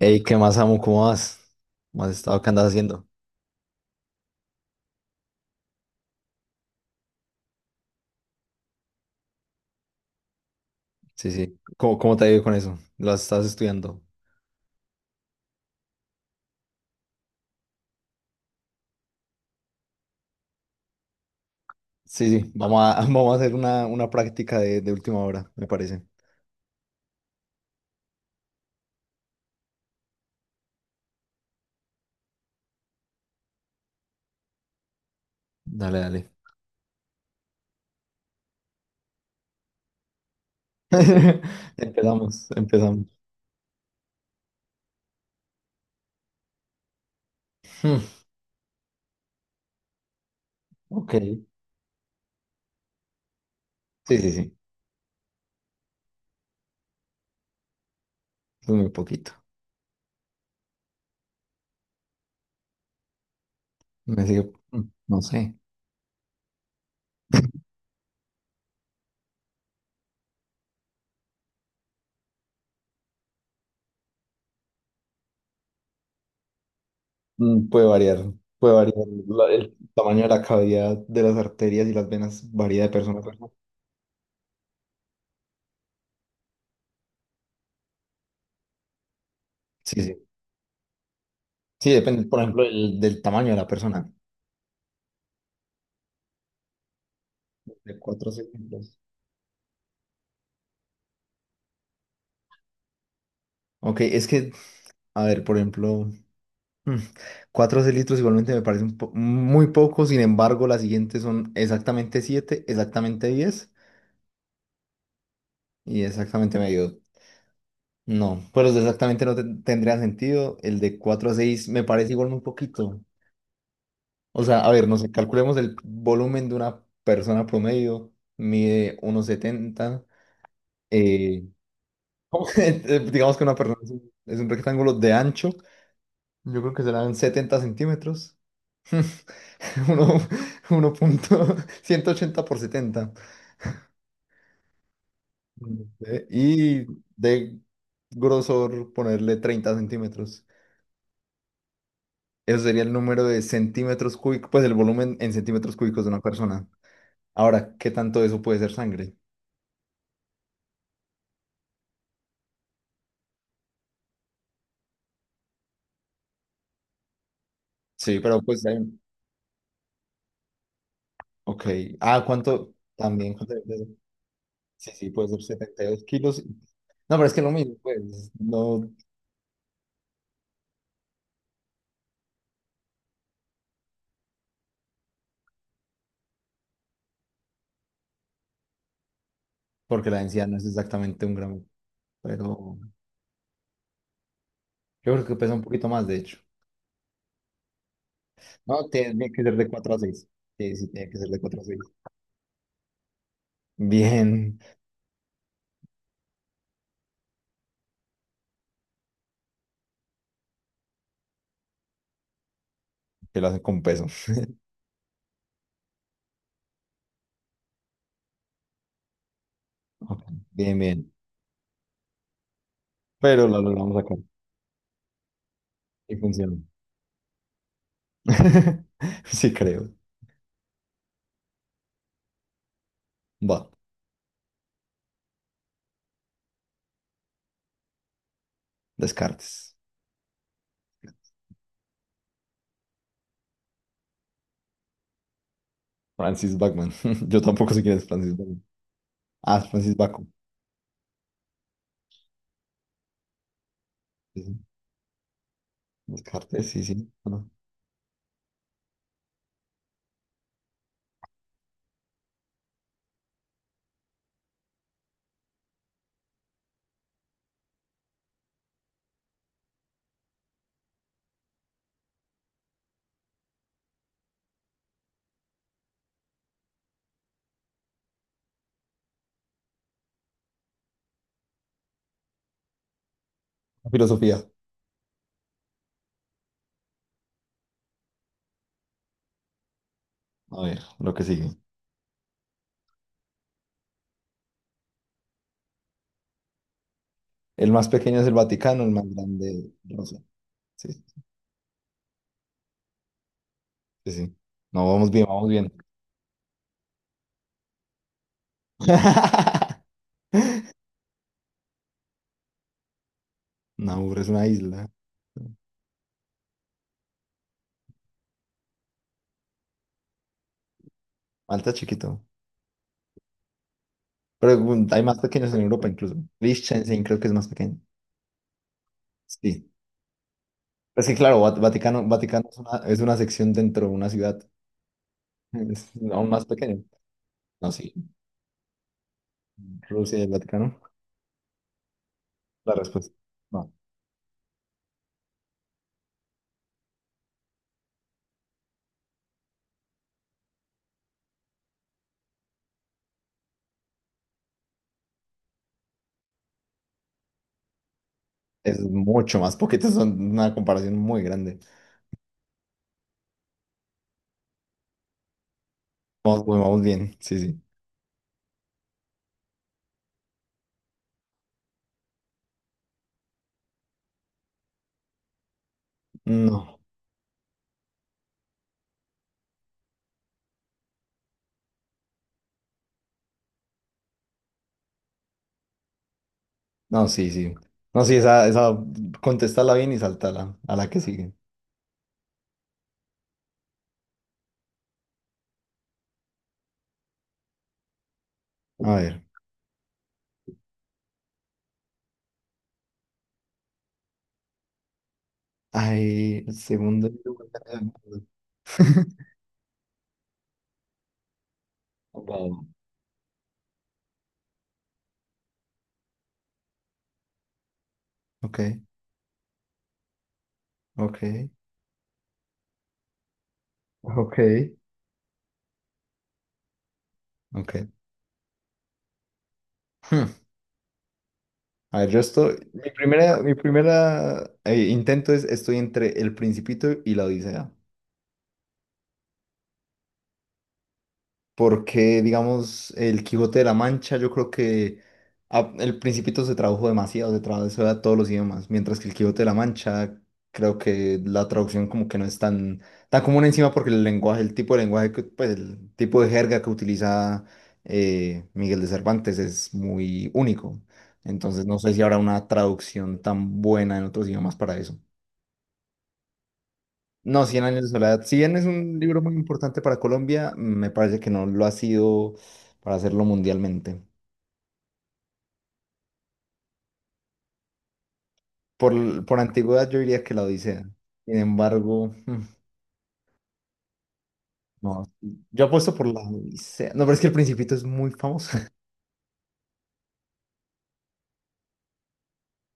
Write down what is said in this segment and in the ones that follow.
Ey, ¿qué más, amo? ¿Cómo vas? ¿Cómo has estado? ¿Qué andas haciendo? Sí, sí. ¿Cómo te ha ido con eso? ¿Lo estás estudiando? Sí, sí. Vamos a hacer una práctica de última hora, me parece. Dale, dale. Empezamos, empezamos. Hmm, ok. Sí, sí, sí. Es muy poquito. Me sigue, no sé. Puede variar. Puede variar. La- el tamaño de la cavidad de las arterias y las venas varía de persona a persona. Sí, sí. Sí, depende, por ejemplo, del tamaño de la persona. De cuatro segundos. Ok, es que, a ver, por ejemplo, mm, cuatro litros igualmente me parecen po- muy poco, sin embargo, las siguientes son exactamente siete, exactamente diez y exactamente medio. No, pues los de exactamente no ten- tendría sentido, el de cuatro a seis me parece igual muy poquito. O sea, a ver, no sé, calculemos el volumen de una persona promedio, mide 1,70, eh, digamos que una persona es es un rectángulo de ancho, yo creo que serán 70 centímetros. uno- uno punto ciento ochenta por 70 y de grosor ponerle treinta centímetros. Eso sería el número de centímetros cúbicos, pues el volumen en centímetros cúbicos de una persona. Ahora, ¿qué tanto de eso puede ser sangre? Sí, pero pues, ok. Ah, ¿cuánto? También, ¿cuánto debe ser? Sí, sí, puede ser setenta y dos kilos. No, pero es que lo mismo, pues, no, porque la densidad no es exactamente un gramo, pero yo creo que pesa un poquito más, de hecho. No, tiene que ser de 4 a seis. Sí, sí, tiene que ser de cuatro a seis. Bien, que lo hace con peso. Ok, bien, bien. Pero lo logramos acá. Y funciona. Sí, creo. Va, Descartes. Francis Bachman. Yo tampoco sé quién es Francis Bachman. Ah, es Francis Bacon. Sí, sí. Descartes, sí, sí. Bueno, filosofía. A ver, lo que sigue. El más pequeño es el Vaticano, el más grande Rusia. Sí, sí, sí. No, vamos bien, vamos bien. Nauru es una isla. Malta es chiquito. Pero hay más pequeños en Europa incluso. Liechtenstein creo que es más pequeño. Sí. Pues que claro, Vaticano, Vaticano es una sección dentro de una ciudad. Es aún más pequeño. No, sí. Rusia y el Vaticano. La respuesta. No. Es mucho más poquito. Son una comparación muy grande. Vamos, pues, vamos bien. Sí, sí. No. No, sí, sí. No, sí, contestala bien y saltala a la que sigue. A ver. Ay, el segundo. Wow. Ok, ok. Ok, ok. Hmm. A ver, yo estoy. Mi primera intento es: estoy entre El Principito y La Odisea. Porque, digamos, el Quijote de la Mancha, yo creo que el Principito se tradujo demasiado, se tradujo a todos los idiomas, mientras que el Quijote de la Mancha, creo que la traducción como que no es tan, tan común encima porque el lenguaje, el tipo de lenguaje, pues el tipo de jerga que utiliza Miguel de Cervantes es muy único. Entonces no sé si habrá una traducción tan buena en otros idiomas para eso. No, Cien años de soledad. Si bien es un libro muy importante para Colombia, me parece que no lo ha sido para hacerlo mundialmente. Por, por antigüedad yo diría que la Odisea. Sin embargo, mm, no. Yo apuesto por la Odisea. No, pero es que El Principito es muy famoso.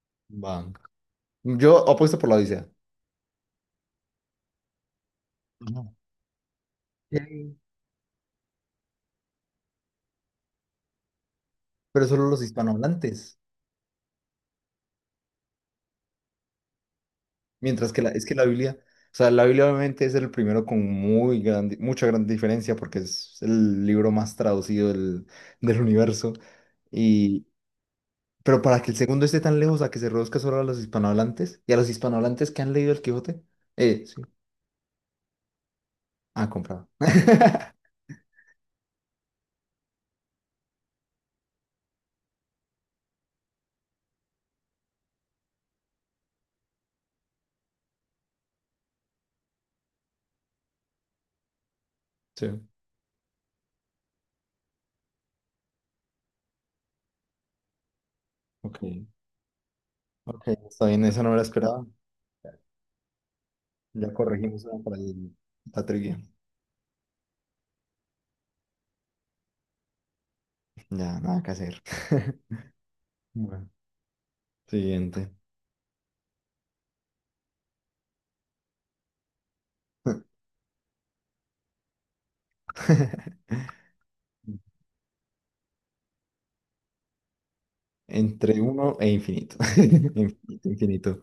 Va. Yo apuesto por la Odisea. Ajá. Yay. Pero solo los hispanohablantes. Mientras que la, es que la Biblia, o sea, la Biblia obviamente es el primero con muy grande, mucha gran diferencia porque es el libro más traducido del universo. Y, pero para que el segundo esté tan lejos a que se reduzca solo a los hispanohablantes y a los hispanohablantes que han leído el Quijote, eh, sí, ah, comprado. Sí, ok. Ok, está bien, esa no me la esperaba. Ya corregimos una para la trivia. Ya, nada que hacer. Bueno, siguiente. Entre uno e infinito. Infinito, infinito.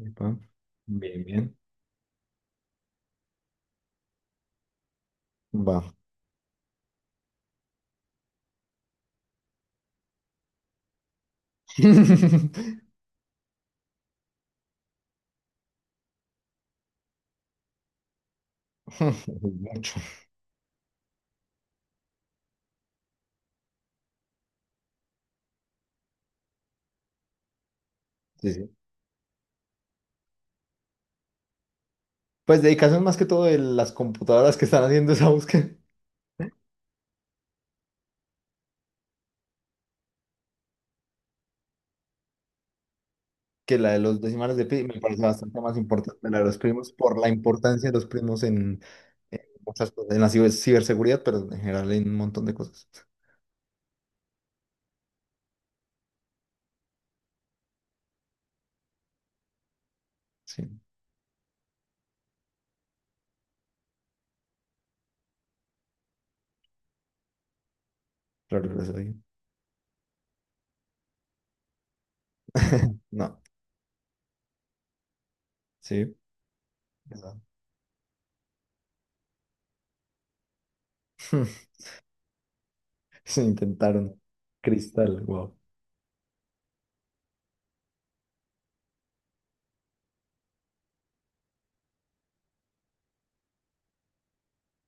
Epa. Bien, bien. Va. Mucho. Sí, sí. Pues dedicación más que todo de las computadoras que están haciendo esa búsqueda que la de los decimales de pi. Me parece bastante más importante la de los primos por la importancia de los primos en muchas cosas, en la ciberseguridad, pero en general en un montón de cosas. Sí, claro, gracias a Dios. No, sí. ¿Verdad? Se intentaron. Cristal, wow.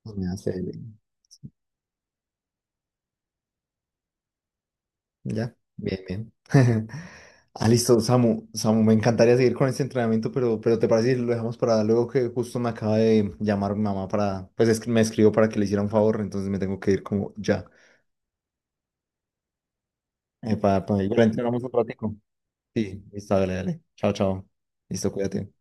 Pues me hace. Ya, bien, bien. Ah, listo, Samu, Samu, me encantaría seguir con este entrenamiento, pero ¿te parece si lo dejamos para luego que justo me acaba de llamar mi mamá para, pues es que me escribió para que le hiciera un favor, entonces me tengo que ir como ya. Para, igual entrenamos un ratico. Sí, listo, dale, dale. Chao, chao. Listo, cuídate.